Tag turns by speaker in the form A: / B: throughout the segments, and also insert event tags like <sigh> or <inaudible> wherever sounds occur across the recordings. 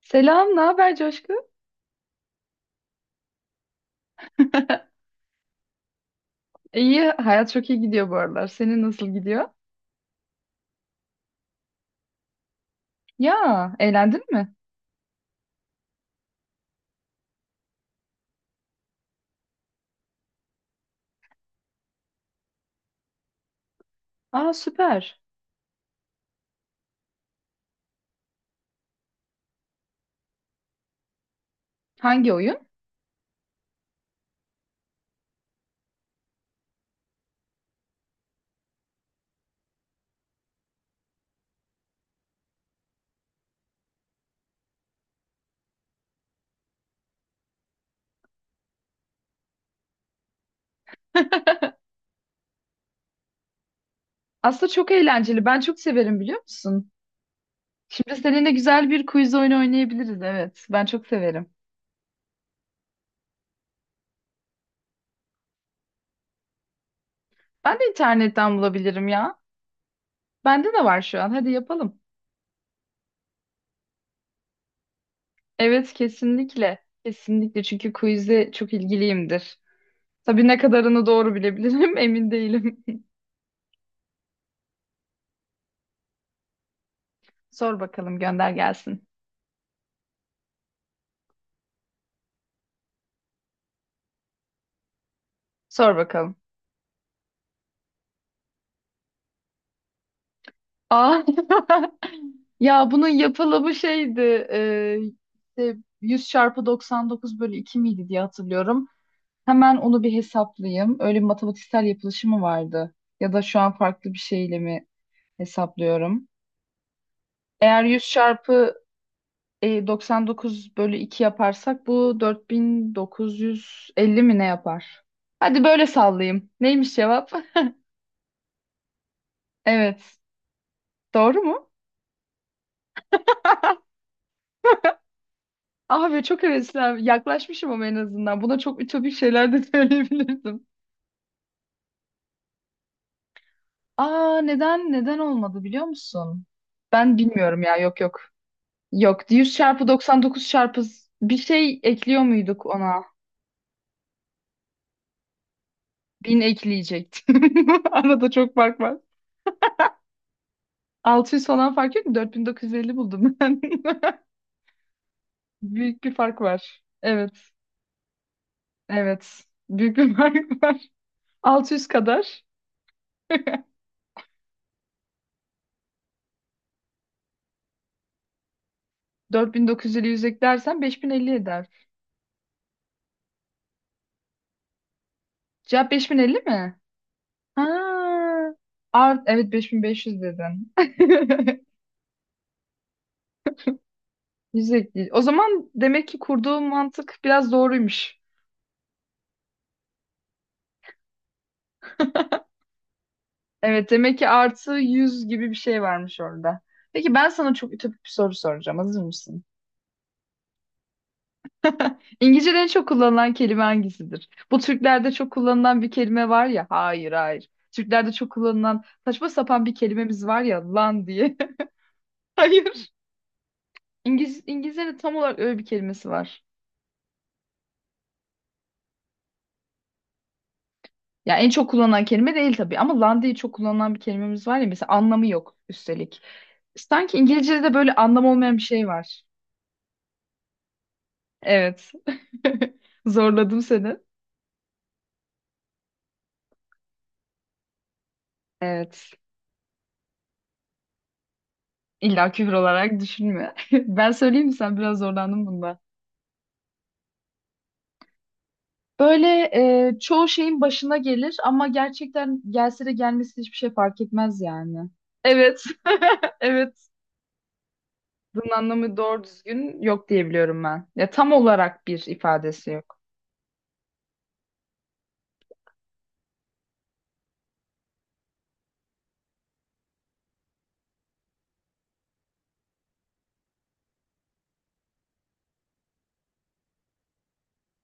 A: Selam, ne haber Coşku? <laughs> İyi, hayat çok iyi gidiyor bu aralar. Senin nasıl gidiyor? Ya, eğlendin mi? Aa, süper. Hangi oyun? <laughs> Aslında çok eğlenceli. Ben çok severim biliyor musun? Şimdi seninle güzel bir quiz oyunu oynayabiliriz. Evet, ben çok severim. Ben de internetten bulabilirim ya. Bende de var şu an. Hadi yapalım. Evet, kesinlikle. Kesinlikle çünkü quiz'e çok ilgiliyimdir. Tabii ne kadarını doğru bilebilirim <laughs> emin değilim. <laughs> Sor bakalım, gönder gelsin. Sor bakalım. Aa, <laughs> ya bunun yapılımı şeydi e, işte 100 çarpı 99 bölü 2 miydi diye hatırlıyorum. Hemen onu bir hesaplayayım. Öyle bir matematiksel yapılışı mı vardı? Ya da şu an farklı bir şeyle mi hesaplıyorum? Eğer 100 çarpı 99 bölü 2 yaparsak bu 4950 mi ne yapar? Hadi böyle sallayayım. Neymiş cevap? <laughs> Evet. Doğru mu? Abi çok heveslen yaklaşmışım ama en azından. Buna çok ütopik şeyler de <laughs> söyleyebilirdim. Aa, neden olmadı biliyor musun? Ben bilmiyorum ya, yok yok. Yok, 100 çarpı 99 çarpı bir şey ekliyor muyduk ona? Bin ekleyecektim. <laughs> Arada çok fark var. 600 falan fark yok mu? 4950 buldum ben. <laughs> Büyük bir fark var. Evet. Evet. Büyük bir <laughs> fark var. 600 kadar. 4950 150 100 eklersen 5050 eder. Cevap 5050 mi? Ha, evet 5500 dedin. <laughs> Yüzde değil. O zaman demek ki kurduğum mantık biraz doğruymuş. Evet demek ki artı 100 gibi bir şey varmış orada. Peki ben sana çok ütopik bir soru soracağım. Hazır mısın? İngilizce'de en çok kullanılan kelime hangisidir? Bu Türklerde çok kullanılan bir kelime var ya. Hayır, hayır. Türklerde çok kullanılan saçma sapan bir kelimemiz var ya, lan diye. <laughs> Hayır. İngiliz, İngilizce'de tam olarak öyle bir kelimesi var. Ya en çok kullanılan kelime değil tabii ama lan diye çok kullanılan bir kelimemiz var ya, mesela anlamı yok üstelik. Sanki İngilizce'de de böyle anlam olmayan bir şey var. Evet. <laughs> Zorladım seni. Evet. İlla küfür olarak düşünme. <laughs> Ben söyleyeyim mi, sen biraz zorlandın bunda. Böyle çoğu şeyin başına gelir ama gerçekten gelse de gelmesi hiçbir şey fark etmez yani. Evet. <laughs> Evet. Bunun anlamı doğru düzgün yok diyebiliyorum ben. Ya tam olarak bir ifadesi yok.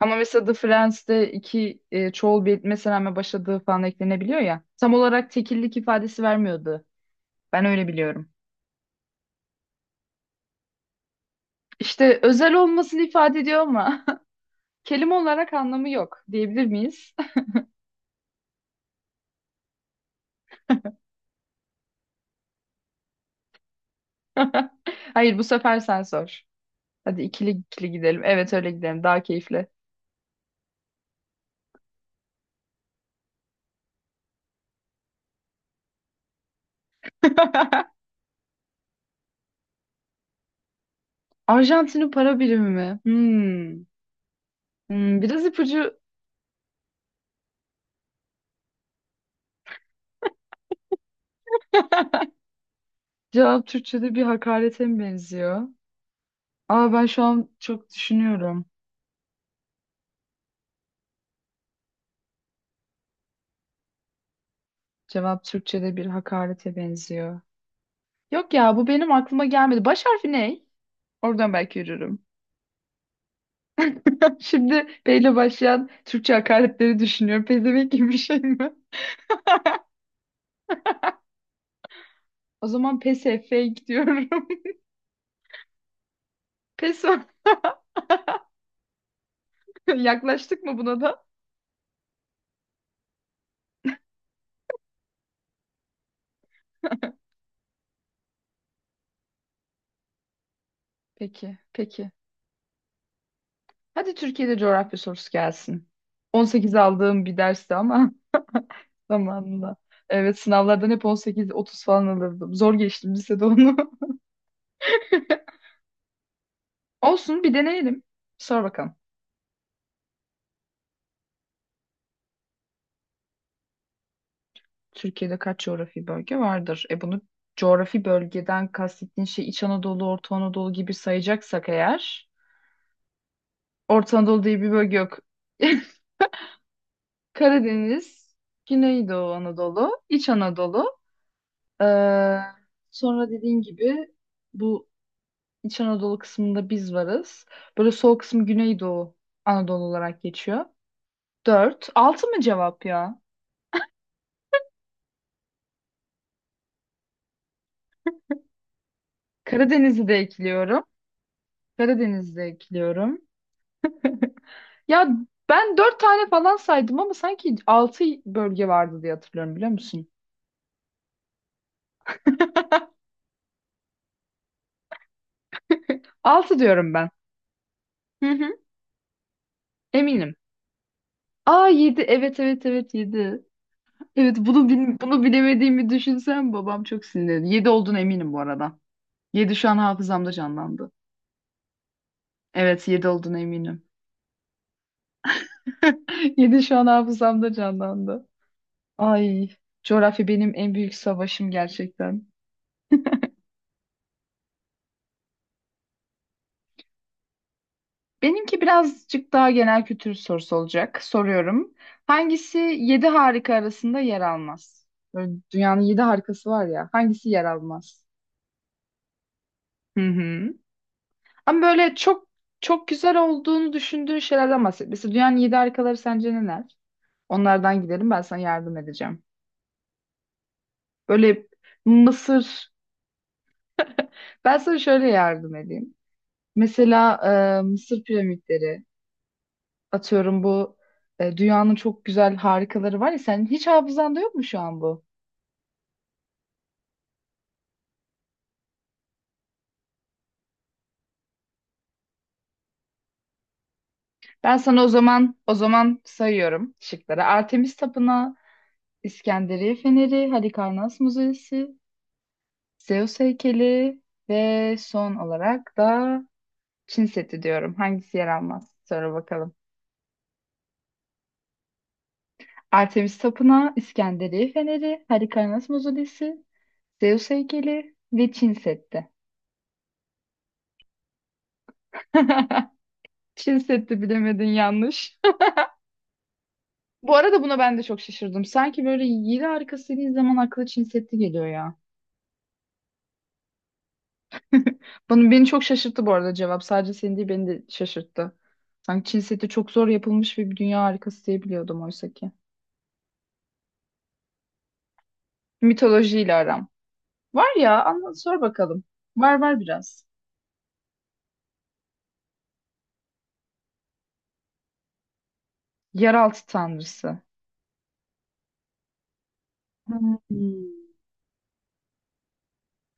A: Ama mesela The Friends'te iki çoğul bir etmesine rağmen başladığı falan eklenebiliyor ya. Tam olarak tekillik ifadesi vermiyordu. Ben öyle biliyorum. İşte özel olmasını ifade ediyor ama <laughs> kelime olarak anlamı yok diyebilir miyiz? <laughs> Hayır, bu sefer sen sor. Hadi ikili ikili gidelim. Evet, öyle gidelim. Daha keyifli. <laughs> Arjantin'in para birimi mi? Hmm. Hmm, biraz ipucu, cevap Türkçe'de bir hakarete mi benziyor? Aa, ben şu an çok düşünüyorum. Cevap Türkçe'de bir hakarete benziyor. Yok ya, bu benim aklıma gelmedi. Baş harfi ne? Oradan belki yürürüm. <laughs> Şimdi P ile başlayan Türkçe hakaretleri düşünüyorum. Pezevenk gibi bir şey mi? O zaman pes fake diyorum. <laughs> Pes var. <laughs> Yaklaştık mı buna da? Peki, peki. Hadi Türkiye'de coğrafya sorusu gelsin. 18 aldığım bir dersti ama <laughs> zamanında. Evet sınavlardan hep 18-30 falan alırdım. Zor geçtim lisede onu. <laughs> Olsun, bir deneyelim. Sor bakalım. Türkiye'de kaç coğrafi bölge vardır? E, bunu, coğrafi bölgeden kastettiğin şey İç Anadolu, Orta Anadolu gibi sayacaksak eğer, Orta Anadolu diye bir bölge yok. <laughs> Karadeniz, Güneydoğu Anadolu, İç Anadolu. Ee, sonra dediğin gibi bu İç Anadolu kısmında biz varız. Böyle sol kısmı Güneydoğu Anadolu olarak geçiyor. Dört. Altı mı cevap ya? Karadeniz'i de ekliyorum. Karadeniz'i de ekliyorum. Ya ben dört tane falan saydım ama sanki altı bölge vardı diye hatırlıyorum biliyor musun? Altı diyorum ben. Hı hı. Eminim. Aa, yedi. Evet, evet, evet, yedi. Evet, bunu bilemediğimi düşünsem babam çok sinirlenir. Yedi olduğuna eminim bu arada. Yedi şu an hafızamda canlandı. Evet, yedi olduğuna eminim. <laughs> Yedi şu an hafızamda canlandı. Ay, coğrafya benim en büyük savaşım gerçekten. Benimki birazcık daha genel kültür sorusu olacak. Soruyorum. Hangisi yedi harika arasında yer almaz? Böyle dünyanın yedi harikası var ya. Hangisi yer almaz? Hı hı. Ama böyle çok çok güzel olduğunu düşündüğün şeylerden bahset. Mesela dünyanın yedi harikaları sence neler? Onlardan gidelim, ben sana yardım edeceğim. Böyle Mısır. Ben sana şöyle yardım edeyim. Mesela Mısır piramitleri. Atıyorum bu dünyanın çok güzel harikaları var ya. Senin hiç hafızanda yok mu şu an bu? Ben sana o zaman sayıyorum şıkları. Artemis Tapınağı, İskenderiye Feneri, Halikarnas Müzesi, Zeus heykeli ve son olarak da Çin Seddi diyorum. Hangisi yer almaz? Sonra bakalım. Artemis Tapınağı, İskenderiye Feneri, Halikarnas Müzesi, Zeus heykeli ve Çin Seddi. <laughs> Çin Seddi, bilemedin, yanlış. <laughs> Bu arada buna ben de çok şaşırdım. Sanki böyle yedi arkasını izlemen aklı Çin Seddi geliyor ya. Bunu beni çok şaşırttı bu arada cevap. Sadece seni değil beni de şaşırttı. Sanki Çin seti çok zor yapılmış ve bir dünya harikası diye biliyordum oysa ki. Mitolojiyle aram. Var ya, anlat, sor bakalım. Var, var biraz. Yeraltı tanrısı. Hmm.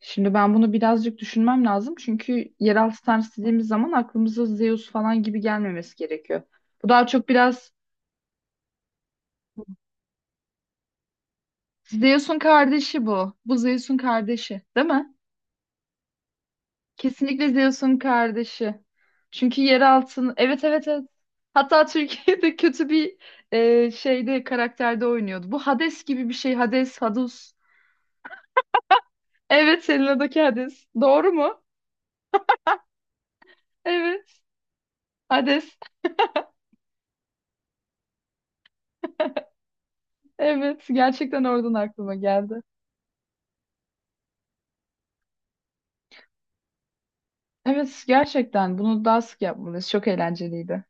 A: Şimdi ben bunu birazcık düşünmem lazım. Çünkü yeraltı tanrısı dediğimiz zaman aklımıza Zeus falan gibi gelmemesi gerekiyor. Bu daha çok biraz Zeus'un kardeşi bu. Bu Zeus'un kardeşi, değil mi? Kesinlikle Zeus'un kardeşi. Çünkü yer altın. Evet, evet, evet. Hatta Türkiye'de <laughs> kötü bir şeyde karakterde oynuyordu. Bu Hades gibi bir şey. Hades, Hadus. Evet, Selena'daki Hades. Doğru mu? Evet. Hades. <laughs> Evet. Gerçekten oradan aklıma geldi. Evet, gerçekten bunu daha sık yapmalıyız. Çok eğlenceliydi.